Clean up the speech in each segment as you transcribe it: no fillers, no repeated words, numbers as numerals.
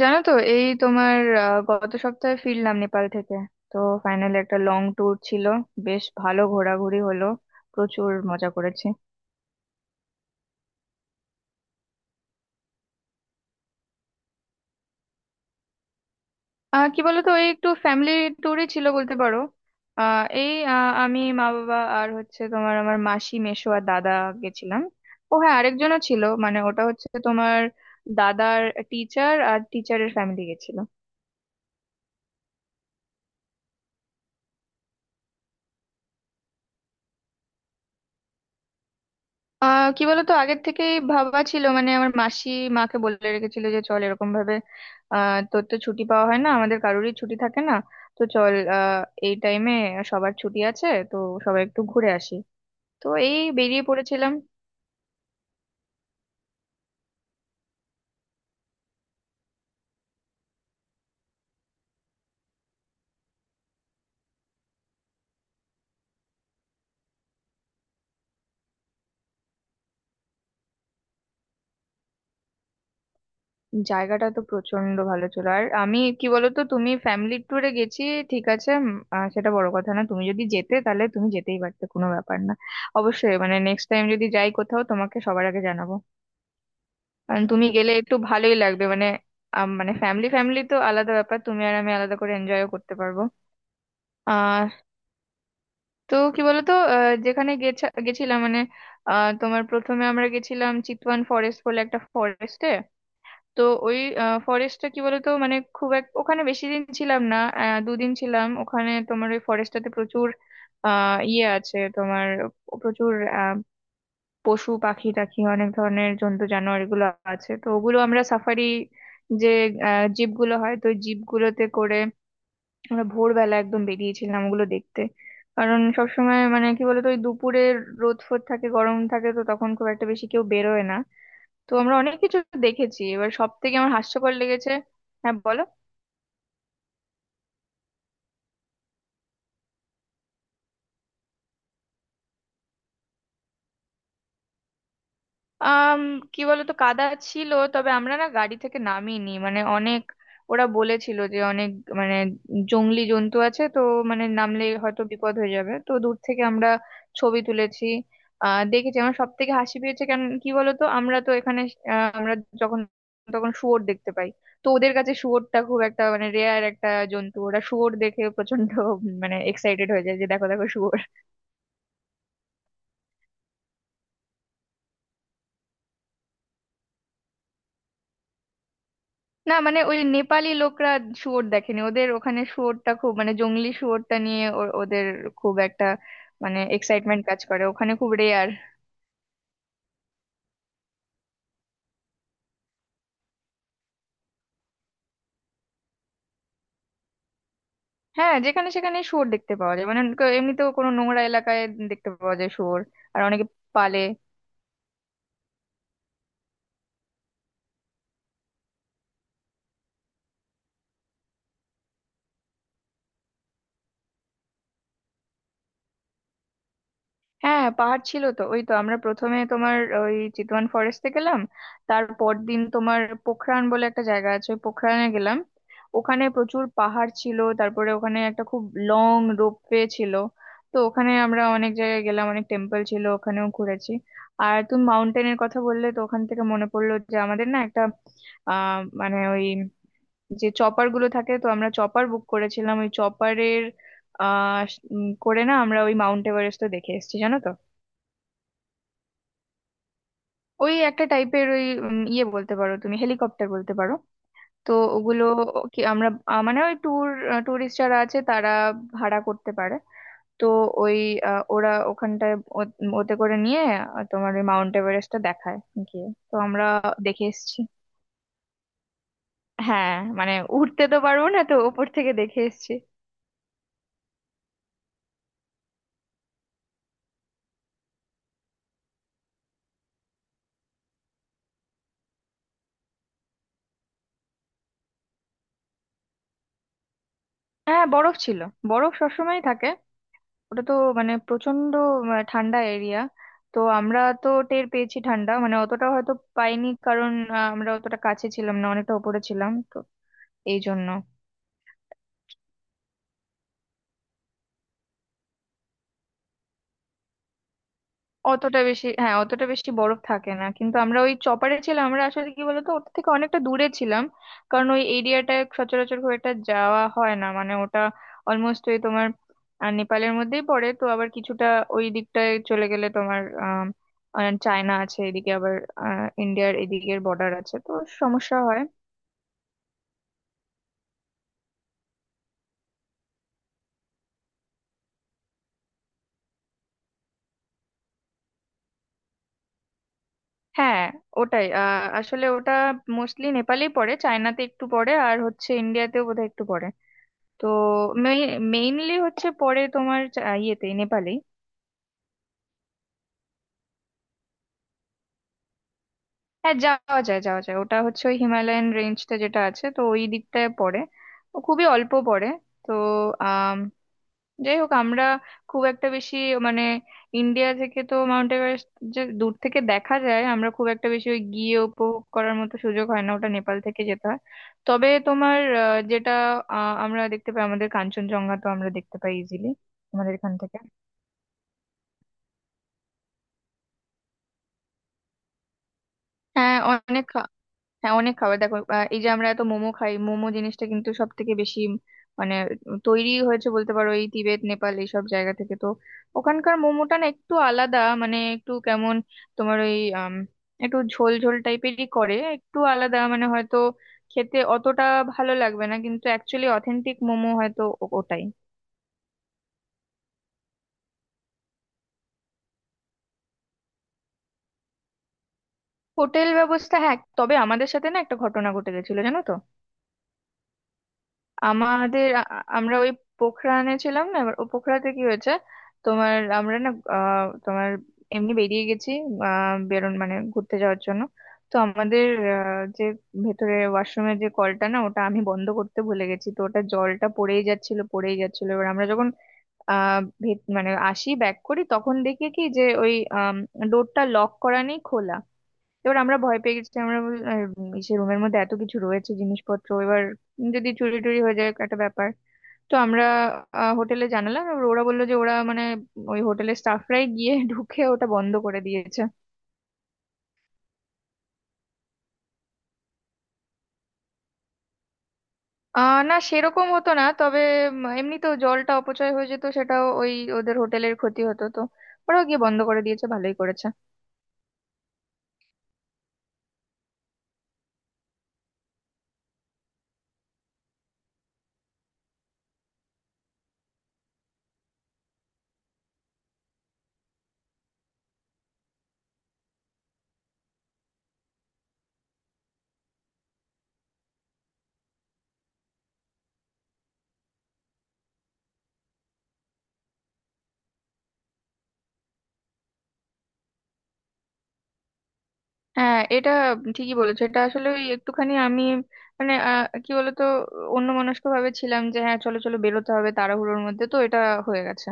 জানো তো এই তোমার গত সপ্তাহে ফিরলাম নেপাল থেকে। তো ফাইনালি একটা লং ট্যুর ছিল, বেশ ভালো ঘোরাঘুরি হলো, প্রচুর মজা করেছি। কি বলতো, এই একটু ফ্যামিলি ট্যুরই ছিল বলতে পারো। আমি, মা, বাবা আর হচ্ছে তোমার আমার মাসি, মেসো আর দাদা গেছিলাম। ও হ্যাঁ, আরেকজনও ছিল, মানে ওটা হচ্ছে তোমার দাদার টিচার আর টিচারের ফ্যামিলি গেছিল। কি বলতো, আগের থেকেই ভাবা ছিল, মানে আমার মাসি মাকে বলে রেখেছিল যে চল এরকম ভাবে, তোর তো ছুটি পাওয়া হয় না, আমাদের কারোরই ছুটি থাকে না, তো চল এই টাইমে সবার ছুটি আছে তো, সবাই একটু ঘুরে আসি। তো এই বেরিয়ে পড়েছিলাম। জায়গাটা তো প্রচন্ড ভালো ছিল। আর আমি কি বলতো, তুমি ফ্যামিলি ট্যুরে গেছি ঠিক আছে, সেটা বড় কথা না, তুমি যদি যেতে তাহলে তুমি যেতেই পারতে, কোনো ব্যাপার না। অবশ্যই মানে নেক্সট টাইম যদি যাই কোথাও তোমাকে সবার আগে জানাবো। কারণ তুমি গেলে একটু ভালোই লাগবে, মানে মানে ফ্যামিলি ফ্যামিলি তো আলাদা ব্যাপার, তুমি আর আমি আলাদা করে এনজয়ও করতে পারবো। আহ তো কি বলতো, যেখানে গেছিলাম মানে, তোমার প্রথমে আমরা গেছিলাম চিতওয়ান ফরেস্ট বলে একটা ফরেস্টে। তো ওই ফরেস্টটা কি বলতো, মানে খুব এক ওখানে বেশি দিন ছিলাম না, দুদিন ছিলাম ওখানে। তোমার ওই ফরেস্টটাতে প্রচুর ইয়ে আছে তোমার, প্রচুর পশু পাখি টাখি, অনেক ধরনের জন্তু জানোয়ার এগুলো আছে তো। ওগুলো আমরা সাফারি যে জিপগুলো হয় তো জিপগুলোতে করে আমরা ভোরবেলা একদম বেরিয়েছিলাম ওগুলো দেখতে। কারণ সবসময় মানে কি বলতো ওই দুপুরে রোদ ফোদ থাকে, গরম থাকে, তো তখন খুব একটা বেশি কেউ বেরোয় না। তো আমরা অনেক কিছু দেখেছি। এবার সব থেকে আমার হাস্যকর লেগেছে হ্যাঁ, বলো। আম কি বলতো, কাদা ছিল তবে আমরা না গাড়ি থেকে নামিনি, মানে অনেক ওরা বলেছিল যে অনেক মানে জংলি জন্তু আছে তো, মানে নামলে হয়তো বিপদ হয়ে যাবে, তো দূর থেকে আমরা ছবি তুলেছি। দেখেছি। আমার সব থেকে হাসি পেয়েছে কেন কি বলতো, আমরা তো এখানে আমরা যখন তখন শুয়োর দেখতে পাই। তো ওদের কাছে শুয়োরটা খুব একটা মানে রেয়ার একটা জন্তু, ওরা শুয়োর দেখে প্রচন্ড মানে এক্সাইটেড হয়ে যায় যে দেখো দেখো শুয়োর। না মানে ওই নেপালি লোকরা শুয়োর দেখেনি, ওদের ওখানে শুয়োরটা খুব মানে জঙ্গলি শুয়োরটা নিয়ে ওদের খুব একটা মানে এক্সাইটমেন্ট কাজ করে, ওখানে খুব রেয়ার। হ্যাঁ, যেখানে সেখানে শুয়োর দেখতে পাওয়া যায়, মানে এমনিতেও কোনো নোংরা এলাকায় দেখতে পাওয়া যায় শুয়োর আর অনেকে পালে। হ্যাঁ, পাহাড় ছিল তো। ওই তো আমরা প্রথমে তোমার ওই চিতওয়ান ফরেস্টে গেলাম, তারপর দিন তোমার পোখরান বলে একটা জায়গা আছে ওই পোখরানে গেলাম। ওখানে প্রচুর পাহাড় ছিল, তারপরে ওখানে একটা খুব লং রোপওয়ে ছিল, তো ওখানে আমরা অনেক জায়গায় গেলাম, অনেক টেম্পল ছিল ওখানেও ঘুরেছি। আর তুমি মাউন্টেনের কথা বললে তো ওখান থেকে মনে পড়লো যে আমাদের না একটা মানে ওই যে চপার গুলো থাকে তো আমরা চপার বুক করেছিলাম, ওই চপারের আহ করে না আমরা ওই মাউন্ট এভারেস্ট তো দেখে এসেছি জানো তো। ওই একটা টাইপের ওই ইয়ে বলতে পারো, তুমি হেলিকপ্টার বলতে পারো। তো ওগুলো কি আমরা মানে ওই ট্যুরিস্ট যারা আছে তারা ভাড়া করতে পারে। তো ওই ওরা ওখানটায় ওতে করে নিয়ে তোমার ওই মাউন্ট এভারেস্টটা দেখায়, গিয়ে তো আমরা দেখে এসেছি। হ্যাঁ, মানে উঠতে তো পারবো না, তো ওপর থেকে দেখে এসেছি। হ্যাঁ, বরফ ছিল, বরফ সবসময় থাকে। ওটা তো মানে প্রচন্ড ঠান্ডা এরিয়া। তো আমরা তো টের পেয়েছি ঠান্ডা, মানে অতটা হয়তো পাইনি কারণ আমরা অতটা কাছে ছিলাম না, অনেকটা উপরে ছিলাম তো, এই জন্য। অতটা বেশি, হ্যাঁ, অতটা বেশি বরফ থাকে না। কিন্তু আমরা ওই চপারে ছিলাম, আমরা আসলে কি বলতো ওটা থেকে অনেকটা দূরে ছিলাম, কারণ ওই এরিয়াটা সচরাচর খুব একটা যাওয়া হয় না, মানে ওটা অলমোস্ট ওই তোমার নেপালের মধ্যেই পড়ে। তো আবার কিছুটা ওই দিকটায় চলে গেলে তোমার চায়না আছে, এদিকে আবার ইন্ডিয়ার এদিকের বর্ডার আছে তো সমস্যা হয়। হ্যাঁ, ওটাই আসলে ওটা মোস্টলি নেপালেই পড়ে, চায়নাতে একটু পড়ে আর হচ্ছে ইন্ডিয়াতেও বোধহয় একটু পড়ে। তো মেইনলি হচ্ছে পরে তোমার ইয়েতে, নেপালে। হ্যাঁ, যাওয়া যায়, যাওয়া যায়, ওটা হচ্ছে ওই হিমালয়ান রেঞ্জটা যেটা আছে তো ওই দিকটায় পড়ে। ও খুবই অল্প পড়ে। তো আম, যাই হোক, আমরা খুব একটা বেশি মানে ইন্ডিয়া থেকে তো মাউন্ট এভারেস্ট যে দূর থেকে দেখা যায়, আমরা খুব একটা বেশি ওই গিয়ে উপভোগ করার মতো সুযোগ হয় না, ওটা নেপাল থেকে যেতে হয়। তবে তোমার যেটা আমরা দেখতে পাই আমাদের কাঞ্চনজঙ্ঘা, তো আমরা দেখতে পাই ইজিলি আমাদের এখান থেকে। হ্যাঁ, অনেক। হ্যাঁ, অনেক খাবার। দেখো এই যে আমরা এত মোমো খাই, মোমো জিনিসটা কিন্তু সব থেকে বেশি মানে তৈরি হয়েছে বলতে পারো এই তিবেত নেপাল এইসব জায়গা থেকে। তো ওখানকার মোমোটা না একটু আলাদা, মানে একটু কেমন তোমার ওই আম, একটু ঝোল ঝোল টাইপেরই করে, একটু আলাদা। মানে হয়তো খেতে অতটা ভালো লাগবে না, কিন্তু অ্যাকচুয়ালি অথেন্টিক মোমো হয়তো ওটাই। হোটেল ব্যবস্থা হ্যাঁ, তবে আমাদের সাথে না একটা ঘটনা ঘটে গেছিল, জানো তো। আমাদের আমরা ওই পোখরানে ছিলাম না এবার, ও পোখরাতে কি হয়েছে তোমার, আমরা না তোমার এমনি বেরিয়ে গেছি, বেরোন মানে ঘুরতে যাওয়ার জন্য। তো আমাদের যে ভেতরে ওয়াশরুমের যে কলটা না, ওটা আমি বন্ধ করতে ভুলে গেছি, তো ওটা জলটা পড়েই যাচ্ছিল, পড়েই যাচ্ছিল। এবার আমরা যখন মানে আসি, ব্যাক করি, তখন দেখি কি যে ওই ডোরটা লক করা নেই, খোলা। এবার আমরা ভয় পেয়ে গেছি। আমরা আর ইসে রুমের মধ্যে এত কিছু রয়েছে জিনিসপত্র, এবার যদি চুরি টুরি হয়ে যায় একটা ব্যাপার। তো আমরা হোটেলে জানালাম, এবার ওরা বললো যে ওরা, মানে ওই হোটেলের স্টাফরাই গিয়ে ঢুকে ওটা বন্ধ করে দিয়েছে। না, সেরকম হতো না, তবে এমনি তো জলটা অপচয় হয়ে যেত, সেটাও ওই ওদের হোটেলের ক্ষতি হতো তো, ওরাও গিয়ে বন্ধ করে দিয়েছে, ভালোই করেছে। হ্যাঁ, এটা ঠিকই বলেছো। এটা আসলে ওই একটুখানি আমি মানে কি বলতো অন্যমনস্ক ভাবে ছিলাম যে হ্যাঁ চলো চলো বেরোতে হবে, তাড়াহুড়োর মধ্যে তো এটা হয়ে গেছে।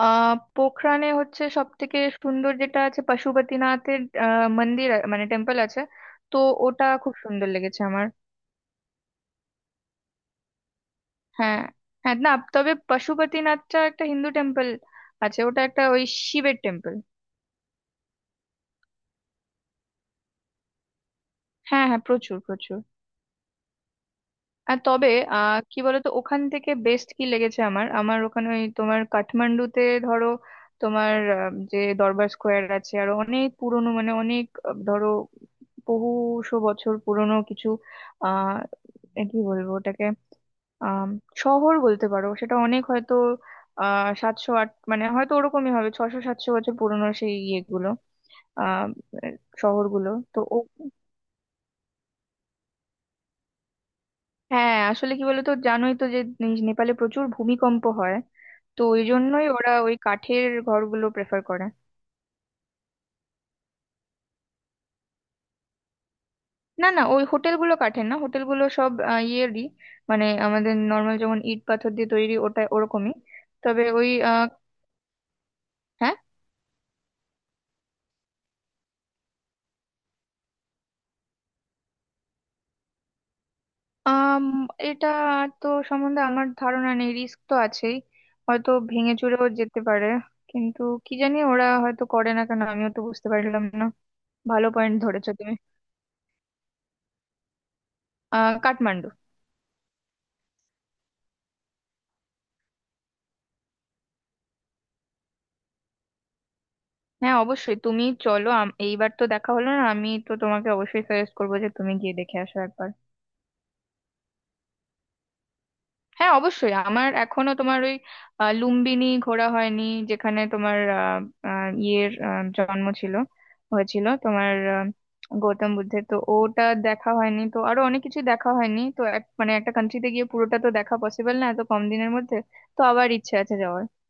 পোখরানে হচ্ছে সব থেকে সুন্দর যেটা আছে পশুপতিনাথের মন্দির মানে টেম্পল আছে। তো ওটা খুব সুন্দর লেগেছে আমার। হ্যাঁ, হ্যাঁ, না, তবে পশুপতিনাথটা একটা হিন্দু টেম্পল আছে, ওটা একটা ওই শিবের টেম্পল। হ্যাঁ, হ্যাঁ, প্রচুর, প্রচুর। আর তবে কি বলতো ওখান থেকে বেস্ট কি লেগেছে আমার, আমার ওখানে ওই তোমার কাঠমান্ডুতে ধরো তোমার যে দরবার স্কোয়ার আছে আর অনেক পুরনো মানে অনেক ধরো বহুশো বছর পুরনো কিছু আহ এ কি বলবো ওটাকে, আহ শহর বলতে পারো, সেটা অনেক হয়তো 708 মানে হয়তো ওরকমই হবে, 600-700 বছর পুরনো সেই ইয়েগুলো, আহ শহরগুলো। তো হ্যাঁ, আসলে কি বলতো জানোই তো যে নেপালে প্রচুর ভূমিকম্প হয়, তো ওই জন্যই ওরা ওই কাঠের ঘরগুলো প্রেফার করে। না, না, ওই হোটেলগুলো কাঠের না, হোটেলগুলো সব ইয়েরই, মানে আমাদের নর্মাল যেমন ইট পাথর দিয়ে তৈরি, ওটা ওরকমই। তবে ওই হ্যাঁ। আম, এটা তো সম্বন্ধে আমার ধারণা নেই, রিস্ক তো আছেই, হয়তো ভেঙে চুরেও যেতে পারে, কিন্তু কি জানি, ওরা হয়তো করে না কেন, আমিও তো বুঝতে পারলাম না। ভালো পয়েন্ট ধরেছো তুমি। কাঠমান্ডু। হ্যাঁ, অবশ্যই, তুমি চলো। এইবার তো দেখা হলো না, আমি তো তোমাকে অবশ্যই সাজেস্ট করবো যে তুমি গিয়ে দেখে আসো একবার। হ্যাঁ, অবশ্যই, আমার এখনো তোমার ওই লুম্বিনী ঘোরা হয়নি, যেখানে তোমার আহ, আহ, ইয়ের জন্ম ছিল, হয়েছিল তোমার গৌতম বুদ্ধের। তো ওটা দেখা হয়নি, তো আরো অনেক কিছু দেখা হয়নি, তো মানে একটা কান্ট্রিতে গিয়ে পুরোটা তো দেখা পসিবল না এত কম দিনের মধ্যে। তো আবার ইচ্ছে আছে যাওয়ার।